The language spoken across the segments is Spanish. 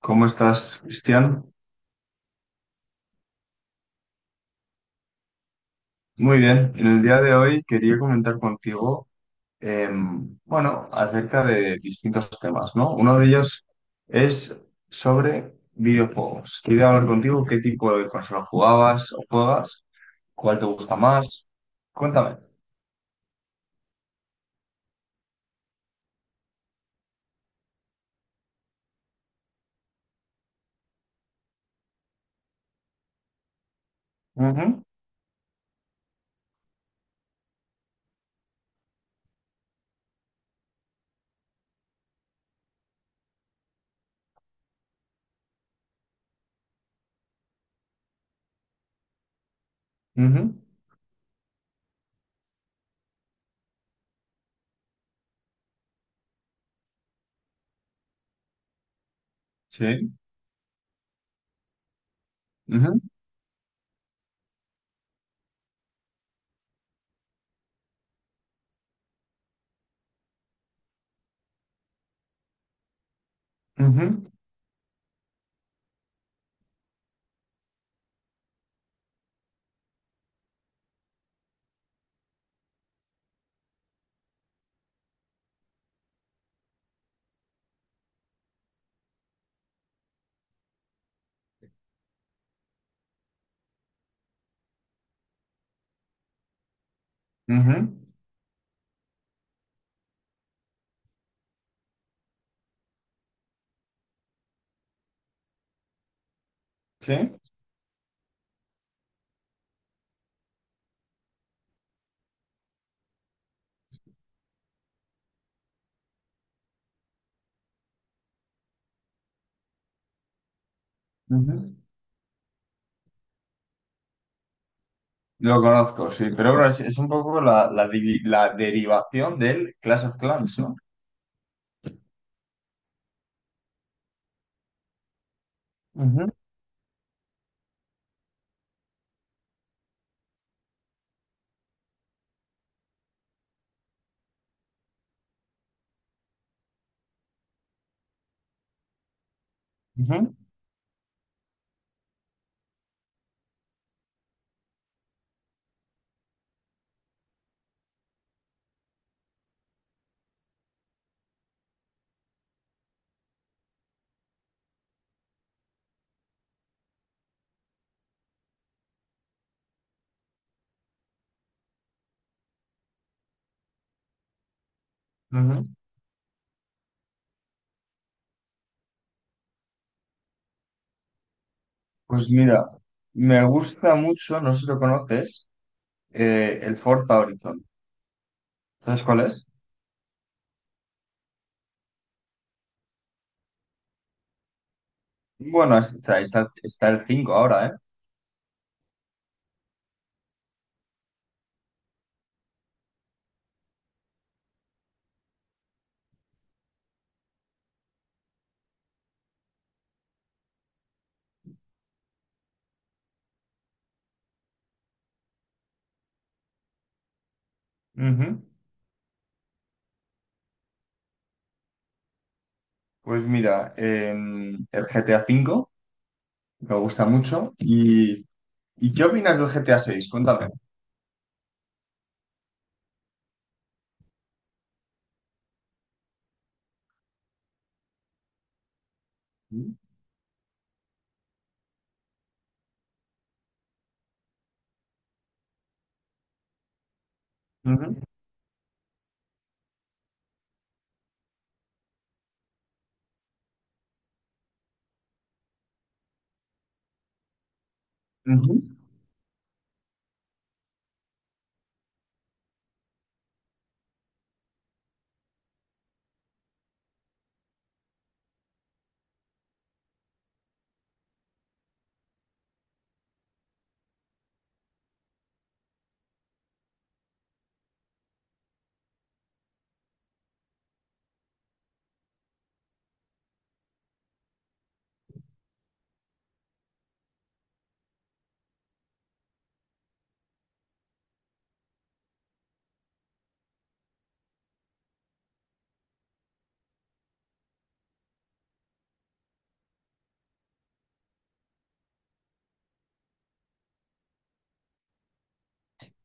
¿Cómo estás, Cristian? Muy bien. En el día de hoy quería comentar contigo, bueno, acerca de distintos temas, ¿no? Uno de ellos es sobre videojuegos. Quería hablar contigo qué tipo de consola jugabas o juegas, cuál te gusta más. Cuéntame. Ujú. Ujú. Sí. Ujú. Ujú. Ujú. Sí. Ujú. Lo conozco, sí, pero bueno, es un poco la derivación del Clash of Clans, ¿no? Ujú. Ujú. Pues mira, me gusta mucho, no sé si lo conoces, el Ford Horizon. ¿Sabes cuál es? Bueno, está el 5 ahora, ¿eh? Ujú. Pues mira, el GTA 5 me gusta mucho. ¿Y, qué opinas del GTA 6? Cuéntame. Ujú. Ujú.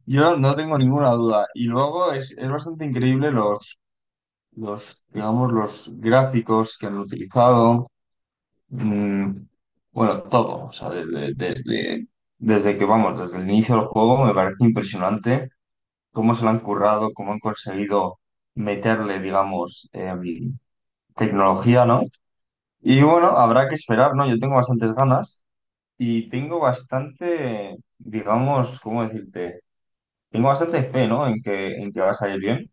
Yo no tengo ninguna duda. Y luego es bastante increíble, digamos, los gráficos que han utilizado. Mm, bueno, todo, o sea, desde, desde, desde que vamos, desde el inicio del juego me parece impresionante cómo se lo han currado, cómo han conseguido meterle, digamos, tecnología, ¿no? Y bueno, habrá que esperar, ¿no? Yo tengo bastantes ganas y tengo bastante, digamos, ¿cómo decirte? Tengo bastante fe, ¿no? En que va a salir bien.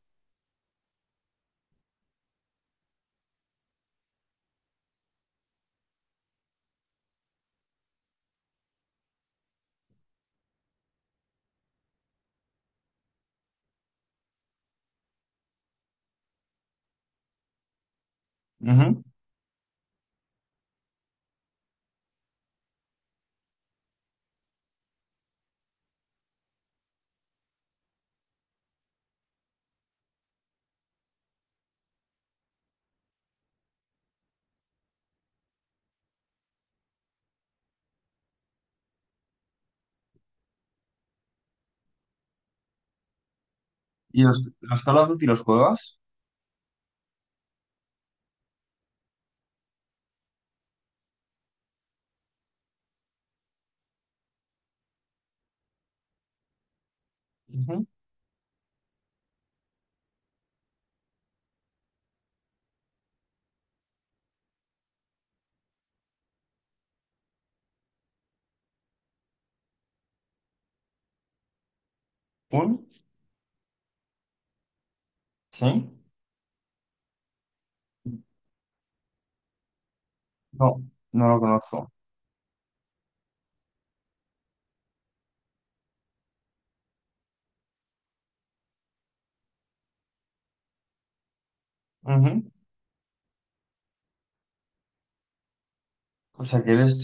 Ujú. ¿Y los Call of Duty los juegas? Ujú. ¿Un? ¿Sí? No, no lo conozco. Ujú. O sea que eres,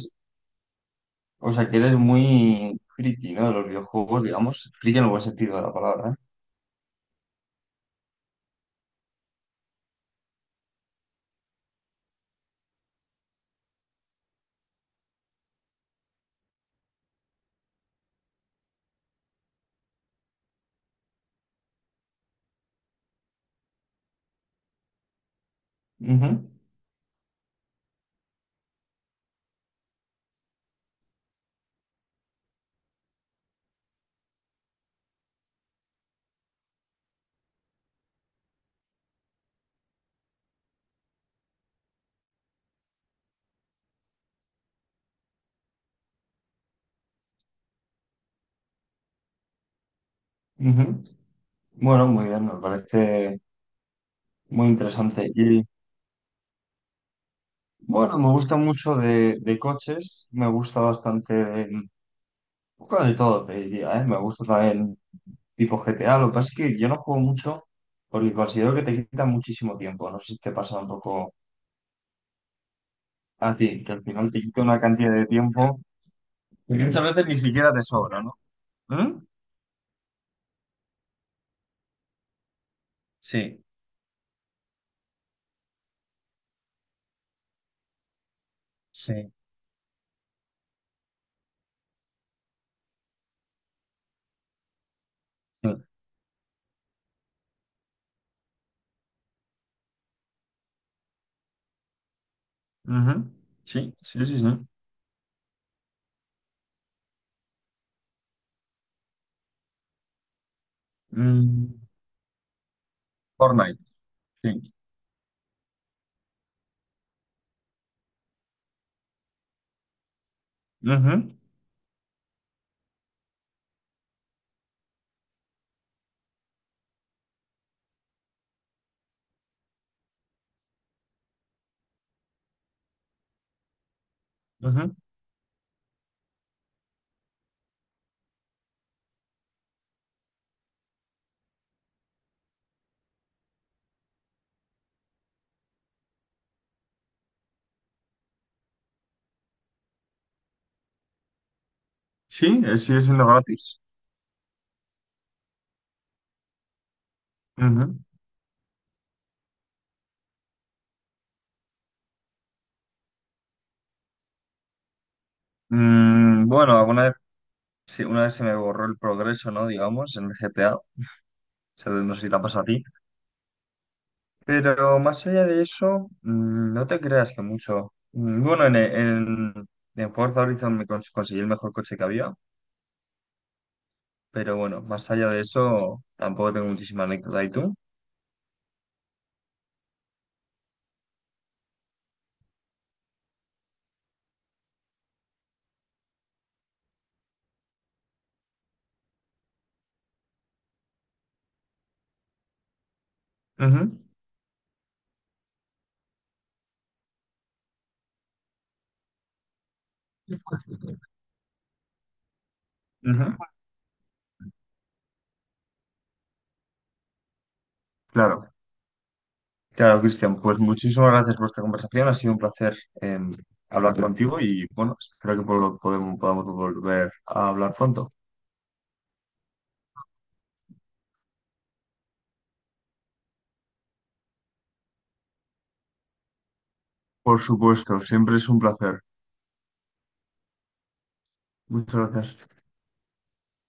o sea que eres muy friki, ¿no? De los videojuegos, digamos, friki en el buen sentido de la palabra, ¿eh? Ujú. Ujú. Bueno, muy bien, me parece muy interesante. Y bueno, me gusta mucho de coches, me gusta bastante un poco de todo, te diría, ¿eh? Me gusta también tipo GTA, lo que pasa es que yo no juego mucho porque considero que te quita muchísimo tiempo, no sé si te pasa un poco a ti, que al final te quita una cantidad de tiempo que muchas veces ni siquiera te sobra, ¿no? ¿Mm? Sí. Sí. Sí. Ujú. Sí, sí, sí, sí. Mm, Fortnite, sí. Ujú. Ujú. Sí, sigue siendo gratis. Ujú. Bueno, alguna vez, sí, una vez se me borró el progreso, ¿no? Digamos, en el GTA. O sea, no sé si te ha pasado a ti. Pero más allá de eso, no te creas que mucho. Bueno, en, Forza Horizon conseguí el mejor coche que había. Pero bueno, más allá de eso, tampoco tengo muchísima anécdota. ¿Y tú? Ujú. Ujú. Claro. Claro, Cristian, pues muchísimas gracias por esta conversación. Ha sido un placer, hablar contigo y bueno, espero que podemos, podamos volver a hablar pronto. Por supuesto, siempre es un placer. Muchas gracias.